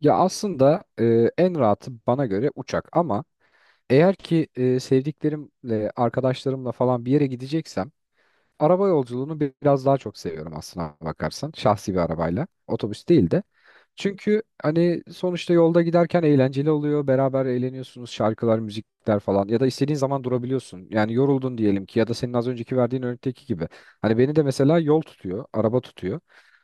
Ya aslında en rahatı bana göre uçak ama eğer ki sevdiklerimle, arkadaşlarımla falan bir yere gideceksem araba yolculuğunu biraz daha çok seviyorum aslına bakarsan. Şahsi bir arabayla. Otobüs değil de. Çünkü hani sonuçta yolda giderken eğlenceli oluyor. Beraber eğleniyorsunuz. Şarkılar, müzikler falan. Ya da istediğin zaman durabiliyorsun. Yani yoruldun diyelim ki ya da senin az önceki verdiğin örnekteki gibi. Hani beni de mesela yol tutuyor, araba tutuyor.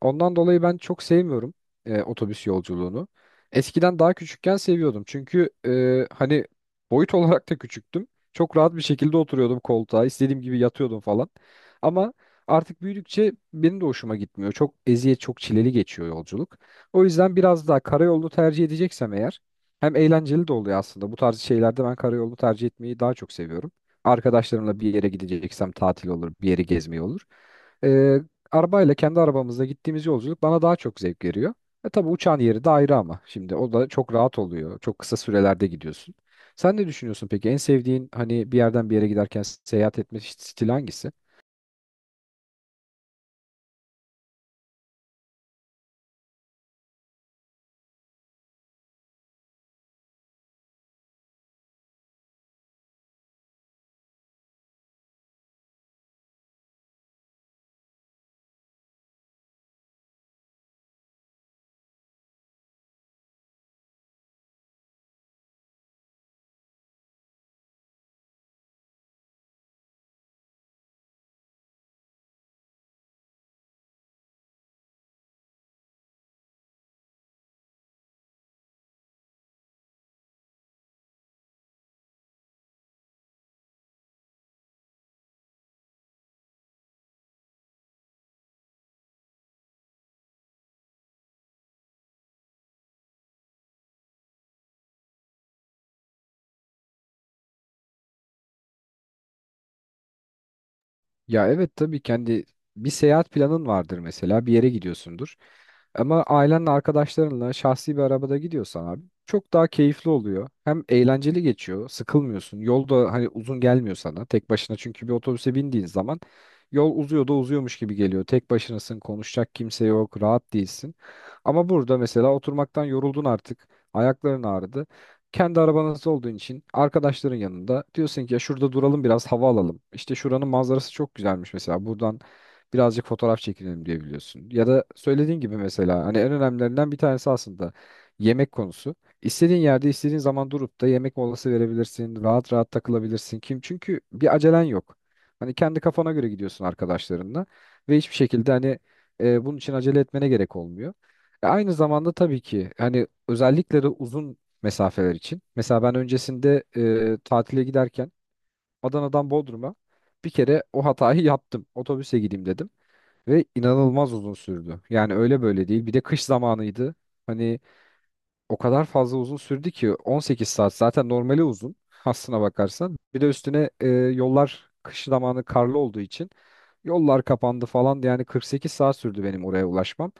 Ondan dolayı ben çok sevmiyorum otobüs yolculuğunu. Eskiden daha küçükken seviyordum. Çünkü hani boyut olarak da küçüktüm. Çok rahat bir şekilde oturuyordum koltuğa. İstediğim gibi yatıyordum falan. Ama artık büyüdükçe benim de hoşuma gitmiyor. Çok eziyet, çok çileli geçiyor yolculuk. O yüzden biraz daha karayolunu tercih edeceksem eğer hem eğlenceli de oluyor aslında. Bu tarz şeylerde ben karayolunu tercih etmeyi daha çok seviyorum. Arkadaşlarımla bir yere gideceksem tatil olur, bir yere gezmeye olur. Ee, Arabayla kendi arabamızla gittiğimiz yolculuk bana daha çok zevk veriyor. E tabii uçağın yeri de ayrı ama şimdi o da çok rahat oluyor. Çok kısa sürelerde gidiyorsun. Sen ne düşünüyorsun peki? En sevdiğin hani bir yerden bir yere giderken seyahat etme stili hangisi? Ya evet tabii kendi bir seyahat planın vardır mesela bir yere gidiyorsundur. Ama ailenle arkadaşlarınla şahsi bir arabada gidiyorsan abi çok daha keyifli oluyor. Hem eğlenceli geçiyor, sıkılmıyorsun. Yol da hani uzun gelmiyor sana tek başına çünkü bir otobüse bindiğin zaman yol uzuyor da uzuyormuş gibi geliyor. Tek başınasın, konuşacak kimse yok, rahat değilsin. Ama burada mesela oturmaktan yoruldun artık. Ayakların ağrıdı. Kendi arabanız olduğun için arkadaşların yanında diyorsun ki ya şurada duralım biraz hava alalım. İşte şuranın manzarası çok güzelmiş mesela buradan birazcık fotoğraf çekinelim diyebiliyorsun. Ya da söylediğin gibi mesela hani en önemlilerinden bir tanesi aslında yemek konusu. İstediğin yerde istediğin zaman durup da yemek molası verebilirsin. Rahat rahat takılabilirsin. Kim? Çünkü bir acelen yok. Hani kendi kafana göre gidiyorsun arkadaşlarınla ve hiçbir şekilde hani bunun için acele etmene gerek olmuyor. Aynı zamanda tabii ki hani özellikle de uzun mesafeler için. Mesela ben öncesinde tatile giderken Adana'dan Bodrum'a bir kere o hatayı yaptım. Otobüse gideyim dedim ve inanılmaz uzun sürdü. Yani öyle böyle değil. Bir de kış zamanıydı. Hani o kadar fazla uzun sürdü ki 18 saat zaten normali uzun aslına bakarsan. Bir de üstüne yollar kış zamanı karlı olduğu için yollar kapandı falan, yani 48 saat sürdü benim oraya ulaşmam.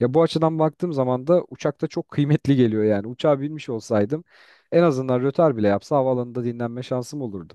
Ya bu açıdan baktığım zaman da uçakta çok kıymetli geliyor yani. Uçağa binmiş olsaydım en azından rötar bile yapsa havaalanında dinlenme şansım olurdu.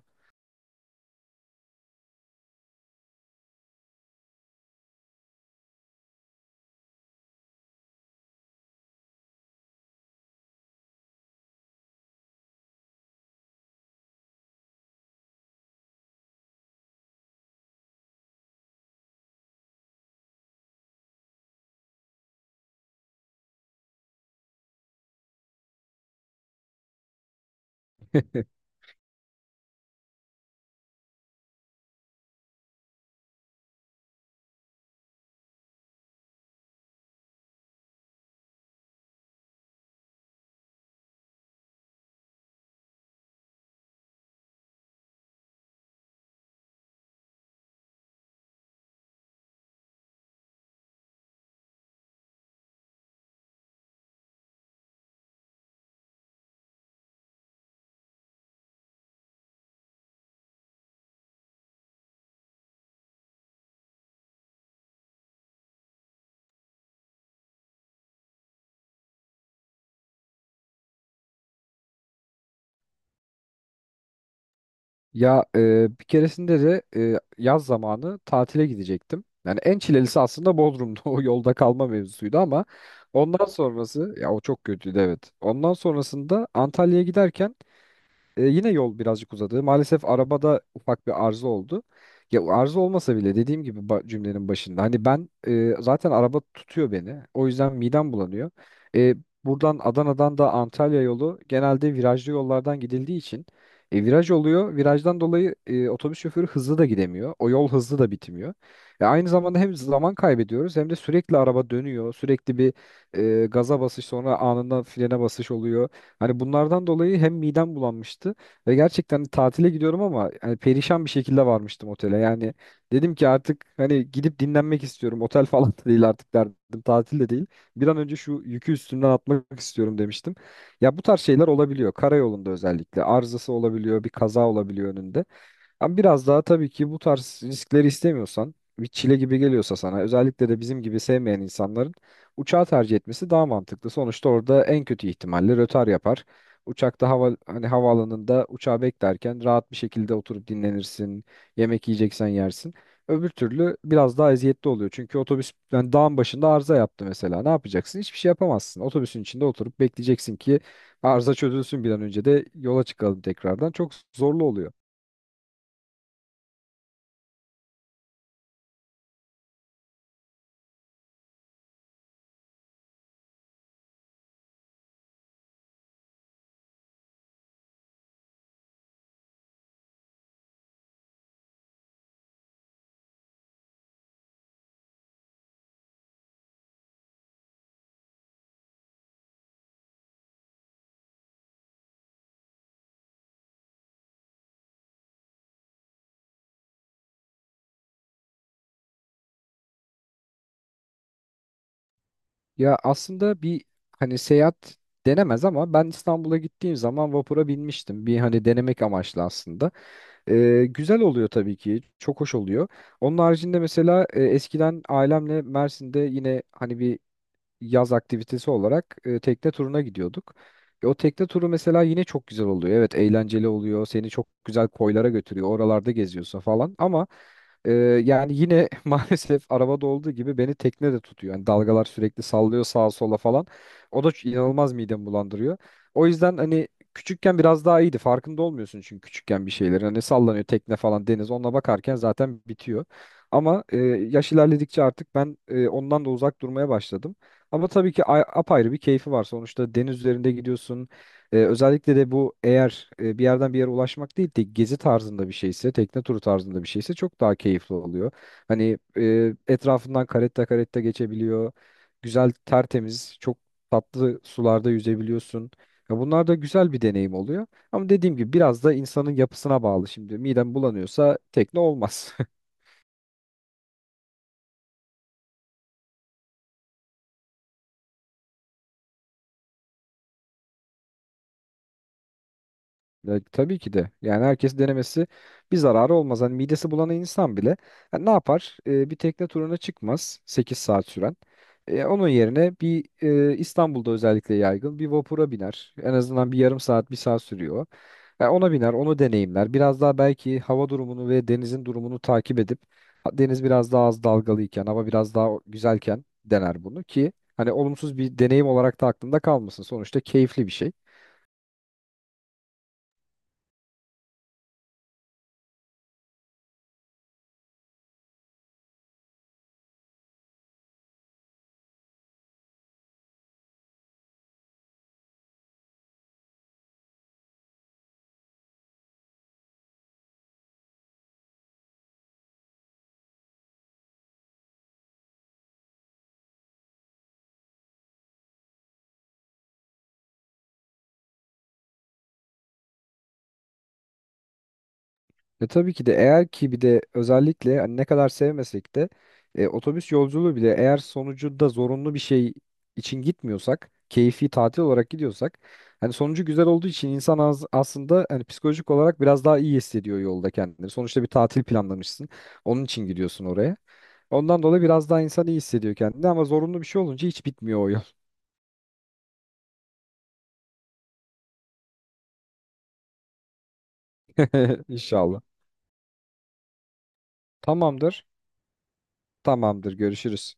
Ya bir keresinde de yaz zamanı tatile gidecektim. Yani en çilelisi aslında Bodrum'da o yolda kalma mevzusuydu ama ondan sonrası ya o çok kötüydü, evet. Ondan sonrasında Antalya'ya giderken yine yol birazcık uzadı. Maalesef arabada ufak bir arıza oldu. Ya arıza olmasa bile dediğim gibi cümlenin başında. Hani ben zaten araba tutuyor beni. O yüzden midem bulanıyor. E, Buradan Adana'dan da Antalya yolu genelde virajlı yollardan gidildiği için viraj oluyor. Virajdan dolayı otobüs şoförü hızlı da gidemiyor. O yol hızlı da bitmiyor. Aynı zamanda hem zaman kaybediyoruz hem de sürekli araba dönüyor. Sürekli bir gaza basış sonra anında frene basış oluyor. Hani bunlardan dolayı hem midem bulanmıştı ve gerçekten hani tatile gidiyorum ama hani perişan bir şekilde varmıştım otele. Yani dedim ki artık hani gidip dinlenmek istiyorum. Otel falan da değil artık derdim. Tatil de değil. Bir an önce şu yükü üstümden atmak istiyorum demiştim. Ya bu tarz şeyler olabiliyor. Karayolunda özellikle arızası olabiliyor, bir kaza olabiliyor önünde. Ama biraz daha tabii ki bu tarz riskleri istemiyorsan, bir çile gibi geliyorsa sana, özellikle de bizim gibi sevmeyen insanların uçağı tercih etmesi daha mantıklı. Sonuçta orada en kötü ihtimalle rötar yapar. Uçakta hava hani havaalanında uçağı beklerken rahat bir şekilde oturup dinlenirsin, yemek yiyeceksen yersin. Öbür türlü biraz daha eziyetli oluyor. Çünkü otobüs yani dağın başında arıza yaptı mesela. Ne yapacaksın? Hiçbir şey yapamazsın. Otobüsün içinde oturup bekleyeceksin ki arıza çözülsün bir an önce de yola çıkalım tekrardan. Çok zorlu oluyor. Ya aslında bir hani seyahat denemez ama ben İstanbul'a gittiğim zaman vapura binmiştim. Bir hani denemek amaçlı aslında. Güzel oluyor tabii ki. Çok hoş oluyor. Onun haricinde mesela eskiden ailemle Mersin'de yine hani bir yaz aktivitesi olarak tekne turuna gidiyorduk. O tekne turu mesela yine çok güzel oluyor. Evet, eğlenceli oluyor. Seni çok güzel koylara götürüyor. Oralarda geziyorsun falan ama e, yani yine maalesef arabada olduğu gibi beni tekne de tutuyor. Yani dalgalar sürekli sallıyor sağa sola falan. O da inanılmaz midemi bulandırıyor. O yüzden hani küçükken biraz daha iyiydi. Farkında olmuyorsun çünkü küçükken bir şeylerin. Hani sallanıyor tekne falan, deniz. Onunla bakarken zaten bitiyor. Ama yaş ilerledikçe artık ben ondan da uzak durmaya başladım. Ama tabii ki apayrı bir keyfi var. Sonuçta deniz üzerinde gidiyorsun. Özellikle de bu eğer bir yerden bir yere ulaşmak değil de gezi tarzında bir şeyse, tekne turu tarzında bir şeyse çok daha keyifli oluyor. Hani etrafından karetta karetta geçebiliyor. Güzel, tertemiz, çok tatlı sularda yüzebiliyorsun. Ya bunlar da güzel bir deneyim oluyor. Ama dediğim gibi biraz da insanın yapısına bağlı şimdi. Midem bulanıyorsa tekne olmaz. Ya, tabii ki de. Yani herkes denemesi bir zararı olmaz. Hani midesi bulan insan bile ha, ne yapar? Bir tekne turuna çıkmaz 8 saat süren. Onun yerine bir İstanbul'da özellikle yaygın bir vapura biner. En azından bir yarım saat, 1 saat sürüyor. Ya ona biner, onu deneyimler. Biraz daha belki hava durumunu ve denizin durumunu takip edip ha, deniz biraz daha az dalgalıyken, hava biraz daha güzelken dener bunu ki hani olumsuz bir deneyim olarak da aklında kalmasın. Sonuçta keyifli bir şey. E tabii ki de eğer ki bir de özellikle hani ne kadar sevmesek de otobüs yolculuğu bile eğer sonucunda zorunlu bir şey için gitmiyorsak, keyfi tatil olarak gidiyorsak hani sonucu güzel olduğu için insan az, aslında hani psikolojik olarak biraz daha iyi hissediyor yolda kendini. Sonuçta bir tatil planlamışsın. Onun için gidiyorsun oraya. Ondan dolayı biraz daha insan iyi hissediyor kendini ama zorunlu bir şey olunca hiç bitmiyor o yol. İnşallah. Tamamdır. Tamamdır. Görüşürüz.